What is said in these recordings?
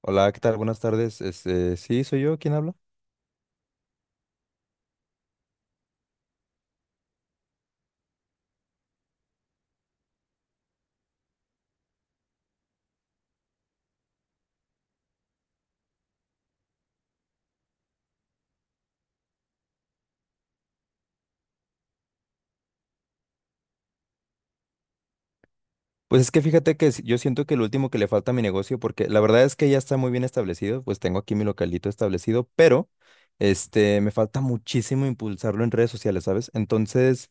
Hola, ¿qué tal? Buenas tardes. Sí, soy yo. ¿Quién habla? Pues es que fíjate que yo siento que lo último que le falta a mi negocio, porque la verdad es que ya está muy bien establecido, pues tengo aquí mi localito establecido, pero me falta muchísimo impulsarlo en redes sociales, ¿sabes? Entonces,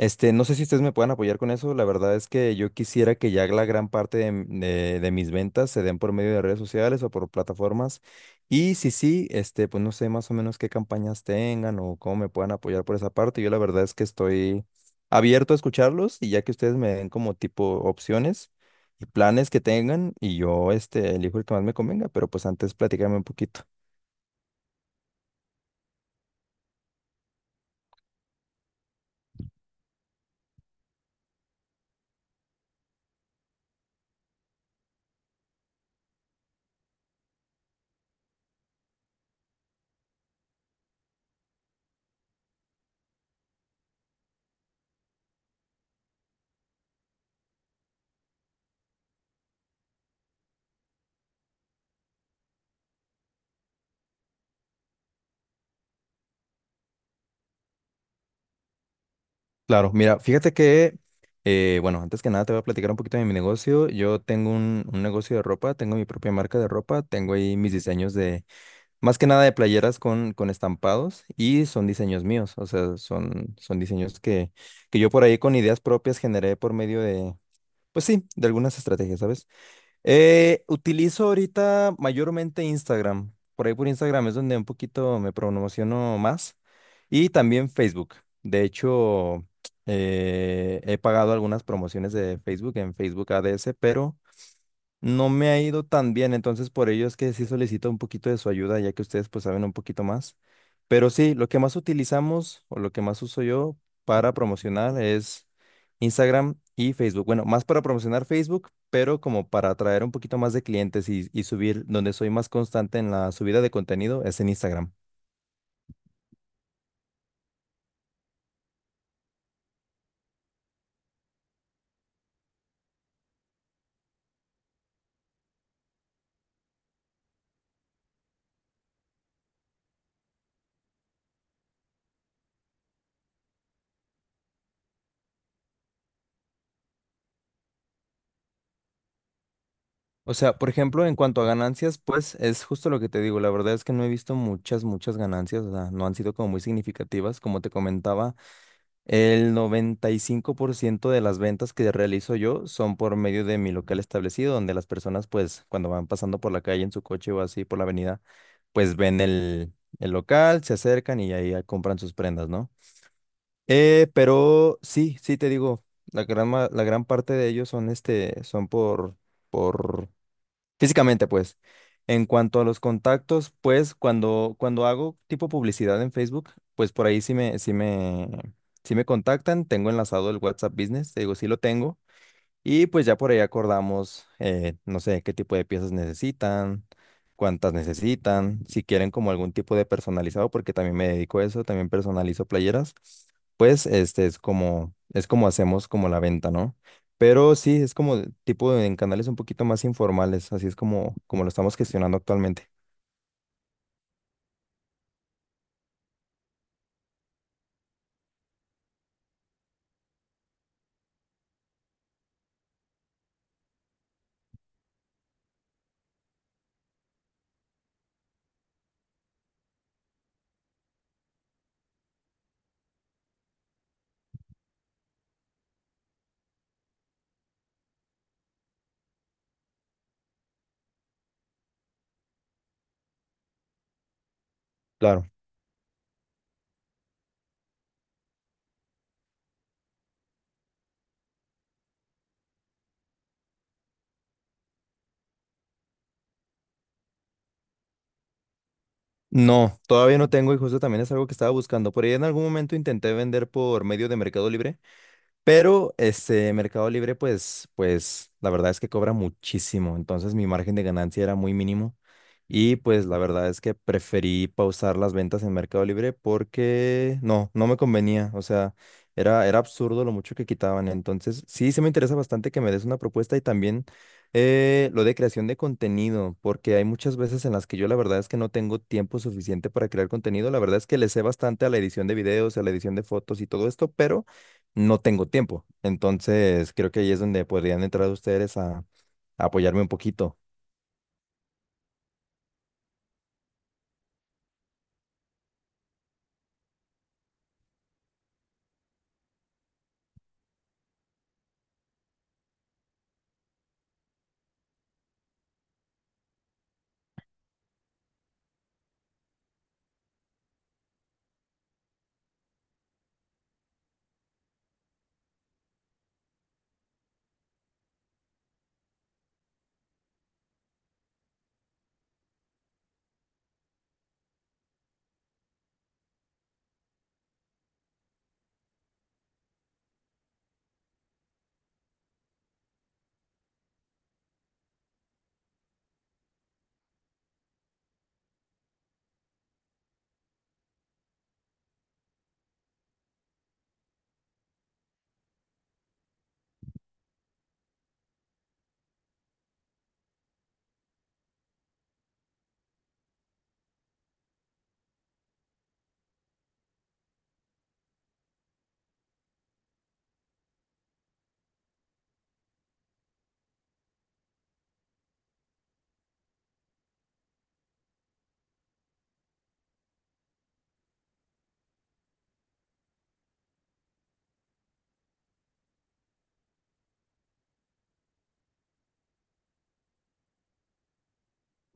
No sé si ustedes me puedan apoyar con eso. La verdad es que yo quisiera que ya la gran parte de mis ventas se den por medio de redes sociales o por plataformas. Y si sí, pues no sé más o menos qué campañas tengan o cómo me puedan apoyar por esa parte. Yo la verdad es que estoy abierto a escucharlos y ya que ustedes me den como tipo opciones y planes que tengan y yo elijo el que más me convenga, pero pues antes platícame un poquito. Claro, mira, fíjate que, bueno, antes que nada te voy a platicar un poquito de mi negocio. Yo tengo un negocio de ropa, tengo mi propia marca de ropa, tengo ahí mis diseños de, más que nada de playeras con estampados y son diseños míos, o sea, son diseños que yo por ahí con ideas propias generé por medio de, pues sí, de algunas estrategias, ¿sabes? Utilizo ahorita mayormente Instagram. Por ahí por Instagram es donde un poquito me promociono más. Y también Facebook. De hecho, he pagado algunas promociones de Facebook en Facebook Ads, pero no me ha ido tan bien, entonces por ello es que sí solicito un poquito de su ayuda, ya que ustedes pues saben un poquito más. Pero sí, lo que más utilizamos o lo que más uso yo para promocionar es Instagram y Facebook. Bueno, más para promocionar Facebook, pero como para atraer un poquito más de clientes y subir, donde soy más constante en la subida de contenido es en Instagram. O sea, por ejemplo, en cuanto a ganancias, pues es justo lo que te digo. La verdad es que no he visto muchas, muchas ganancias. O sea, no han sido como muy significativas. Como te comentaba, el 95% de las ventas que realizo yo son por medio de mi local establecido, donde las personas, pues, cuando van pasando por la calle en su coche o así por la avenida, pues ven el local, se acercan y ahí ya compran sus prendas, ¿no? Pero sí, sí te digo, la gran parte de ellos son son por físicamente, pues. En cuanto a los contactos, pues cuando hago tipo publicidad en Facebook, pues por ahí sí me contactan. Tengo enlazado el WhatsApp Business, te digo, sí lo tengo. Y pues ya por ahí acordamos, no sé, qué tipo de piezas necesitan, cuántas necesitan, si quieren como algún tipo de personalizado, porque también me dedico a eso, también personalizo playeras, pues este es como hacemos como la venta, ¿no? Pero sí, es como en canales un poquito más informales, así es como lo estamos gestionando actualmente. Claro. No, todavía no tengo y justo también es algo que estaba buscando. Por ahí en algún momento intenté vender por medio de Mercado Libre. Pero Mercado Libre, pues la verdad es que cobra muchísimo. Entonces mi margen de ganancia era muy mínimo. Y pues la verdad es que preferí pausar las ventas en Mercado Libre porque no me convenía. O sea, era absurdo lo mucho que quitaban. Entonces, sí, se me interesa bastante que me des una propuesta y también lo de creación de contenido, porque hay muchas veces en las que yo la verdad es que no tengo tiempo suficiente para crear contenido. La verdad es que le sé bastante a la edición de videos, a la edición de fotos y todo esto, pero no tengo tiempo. Entonces, creo que ahí es donde podrían entrar ustedes a apoyarme un poquito.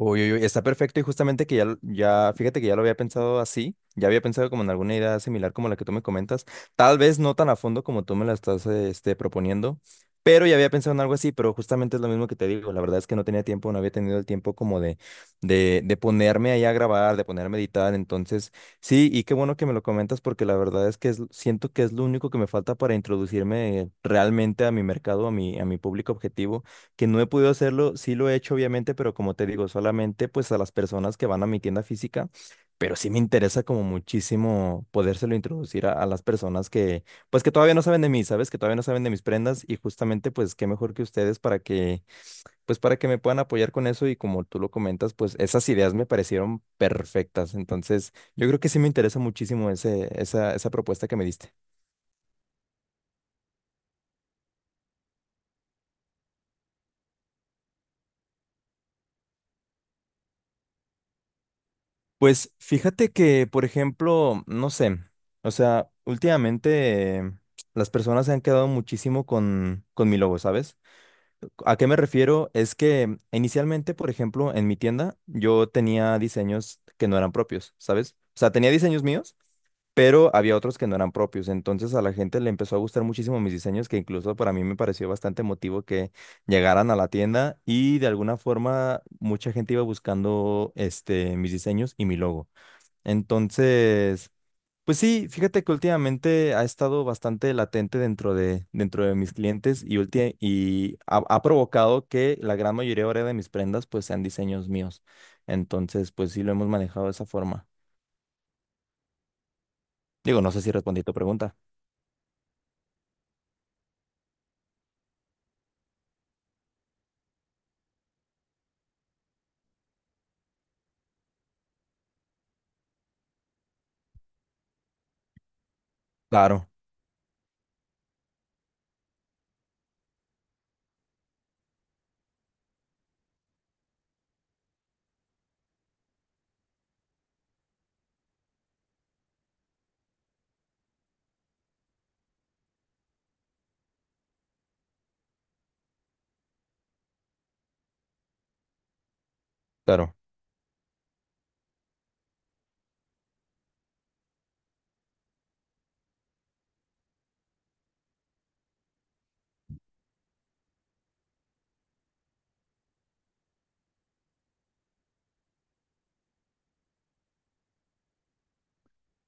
Uy, uy, uy, está perfecto y justamente que ya, fíjate que ya lo había pensado así, ya había pensado como en alguna idea similar como la que tú me comentas, tal vez no tan a fondo como tú me la estás proponiendo, pero ya había pensado en algo así, pero justamente es lo mismo que te digo, la verdad es que no tenía tiempo, no había tenido el tiempo como de ponerme ahí a grabar, de ponerme a editar, entonces sí, y qué bueno que me lo comentas porque la verdad es que siento que es lo único que me falta para introducirme realmente a mi mercado, a mi público objetivo que no he podido hacerlo, sí lo he hecho obviamente, pero como te digo, solamente pues a las personas que van a mi tienda física, pero sí me interesa como muchísimo podérselo introducir a las personas que pues que todavía no saben de mí, ¿sabes? Que todavía no saben de mis prendas y justamente pues qué mejor que ustedes para que pues para que me puedan apoyar con eso y como tú lo comentas, pues esas ideas me parecieron perfectas, entonces yo creo que sí me interesa muchísimo esa propuesta que me diste. Pues fíjate que, por ejemplo, no sé, o sea, últimamente las personas se han quedado muchísimo con mi logo, ¿sabes? ¿A qué me refiero? Es que inicialmente, por ejemplo, en mi tienda yo tenía diseños que no eran propios, ¿sabes? O sea, tenía diseños míos, pero había otros que no eran propios. Entonces a la gente le empezó a gustar muchísimo mis diseños, que incluso para mí me pareció bastante emotivo que llegaran a la tienda y de alguna forma mucha gente iba buscando mis diseños y mi logo. Entonces, pues sí, fíjate que últimamente ha estado bastante latente dentro de mis clientes y, y ha provocado que la gran mayoría ahora de mis prendas pues sean diseños míos. Entonces, pues sí lo hemos manejado de esa forma. Digo, no sé si respondí tu pregunta. Claro, claro.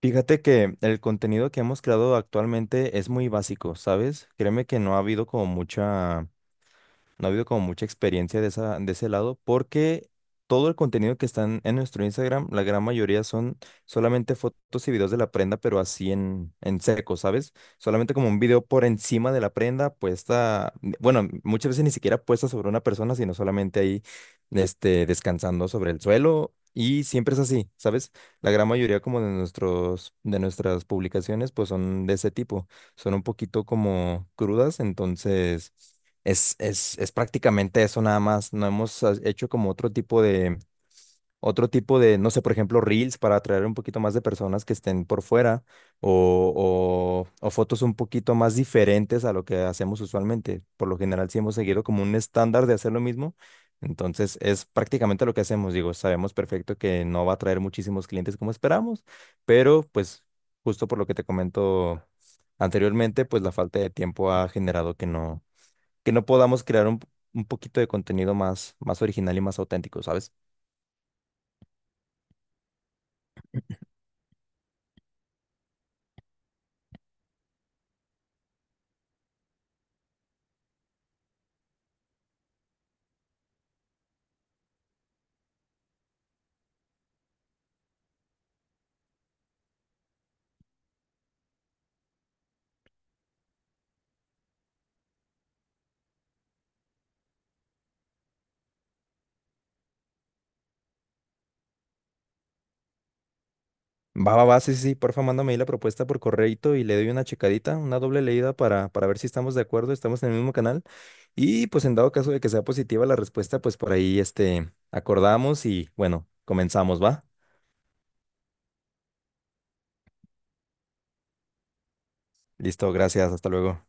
Fíjate que el contenido que hemos creado actualmente es muy básico, ¿sabes? Créeme que no ha habido como mucha... no ha habido como mucha experiencia de de ese lado porque todo el contenido que están en nuestro Instagram, la gran mayoría son solamente fotos y videos de la prenda, pero así en seco, ¿sabes? Solamente como un video por encima de la prenda puesta, bueno, muchas veces ni siquiera puesta sobre una persona, sino solamente ahí, descansando sobre el suelo. Y siempre es así, ¿sabes? La gran mayoría como de nuestros, de nuestras publicaciones, pues son de ese tipo. Son un poquito como crudas, entonces... Es prácticamente eso nada más. No hemos hecho como otro tipo de, no sé, por ejemplo, reels para atraer un poquito más de personas que estén por fuera o fotos un poquito más diferentes a lo que hacemos usualmente. Por lo general, sí hemos seguido como un estándar de hacer lo mismo. Entonces, es prácticamente lo que hacemos. Digo, sabemos perfecto que no va a traer muchísimos clientes como esperamos, pero pues justo por lo que te comento anteriormente, pues la falta de tiempo ha generado que no podamos crear un poquito de contenido más, más original y más auténtico, ¿sabes? Va, va, va, sí, sí, sí, porfa, mándame ahí la propuesta por correo y le doy una checadita, una doble leída para ver si estamos de acuerdo, estamos en el mismo canal. Y pues en dado caso de que sea positiva la respuesta, pues por ahí acordamos y bueno, comenzamos, ¿va? Listo, gracias, hasta luego.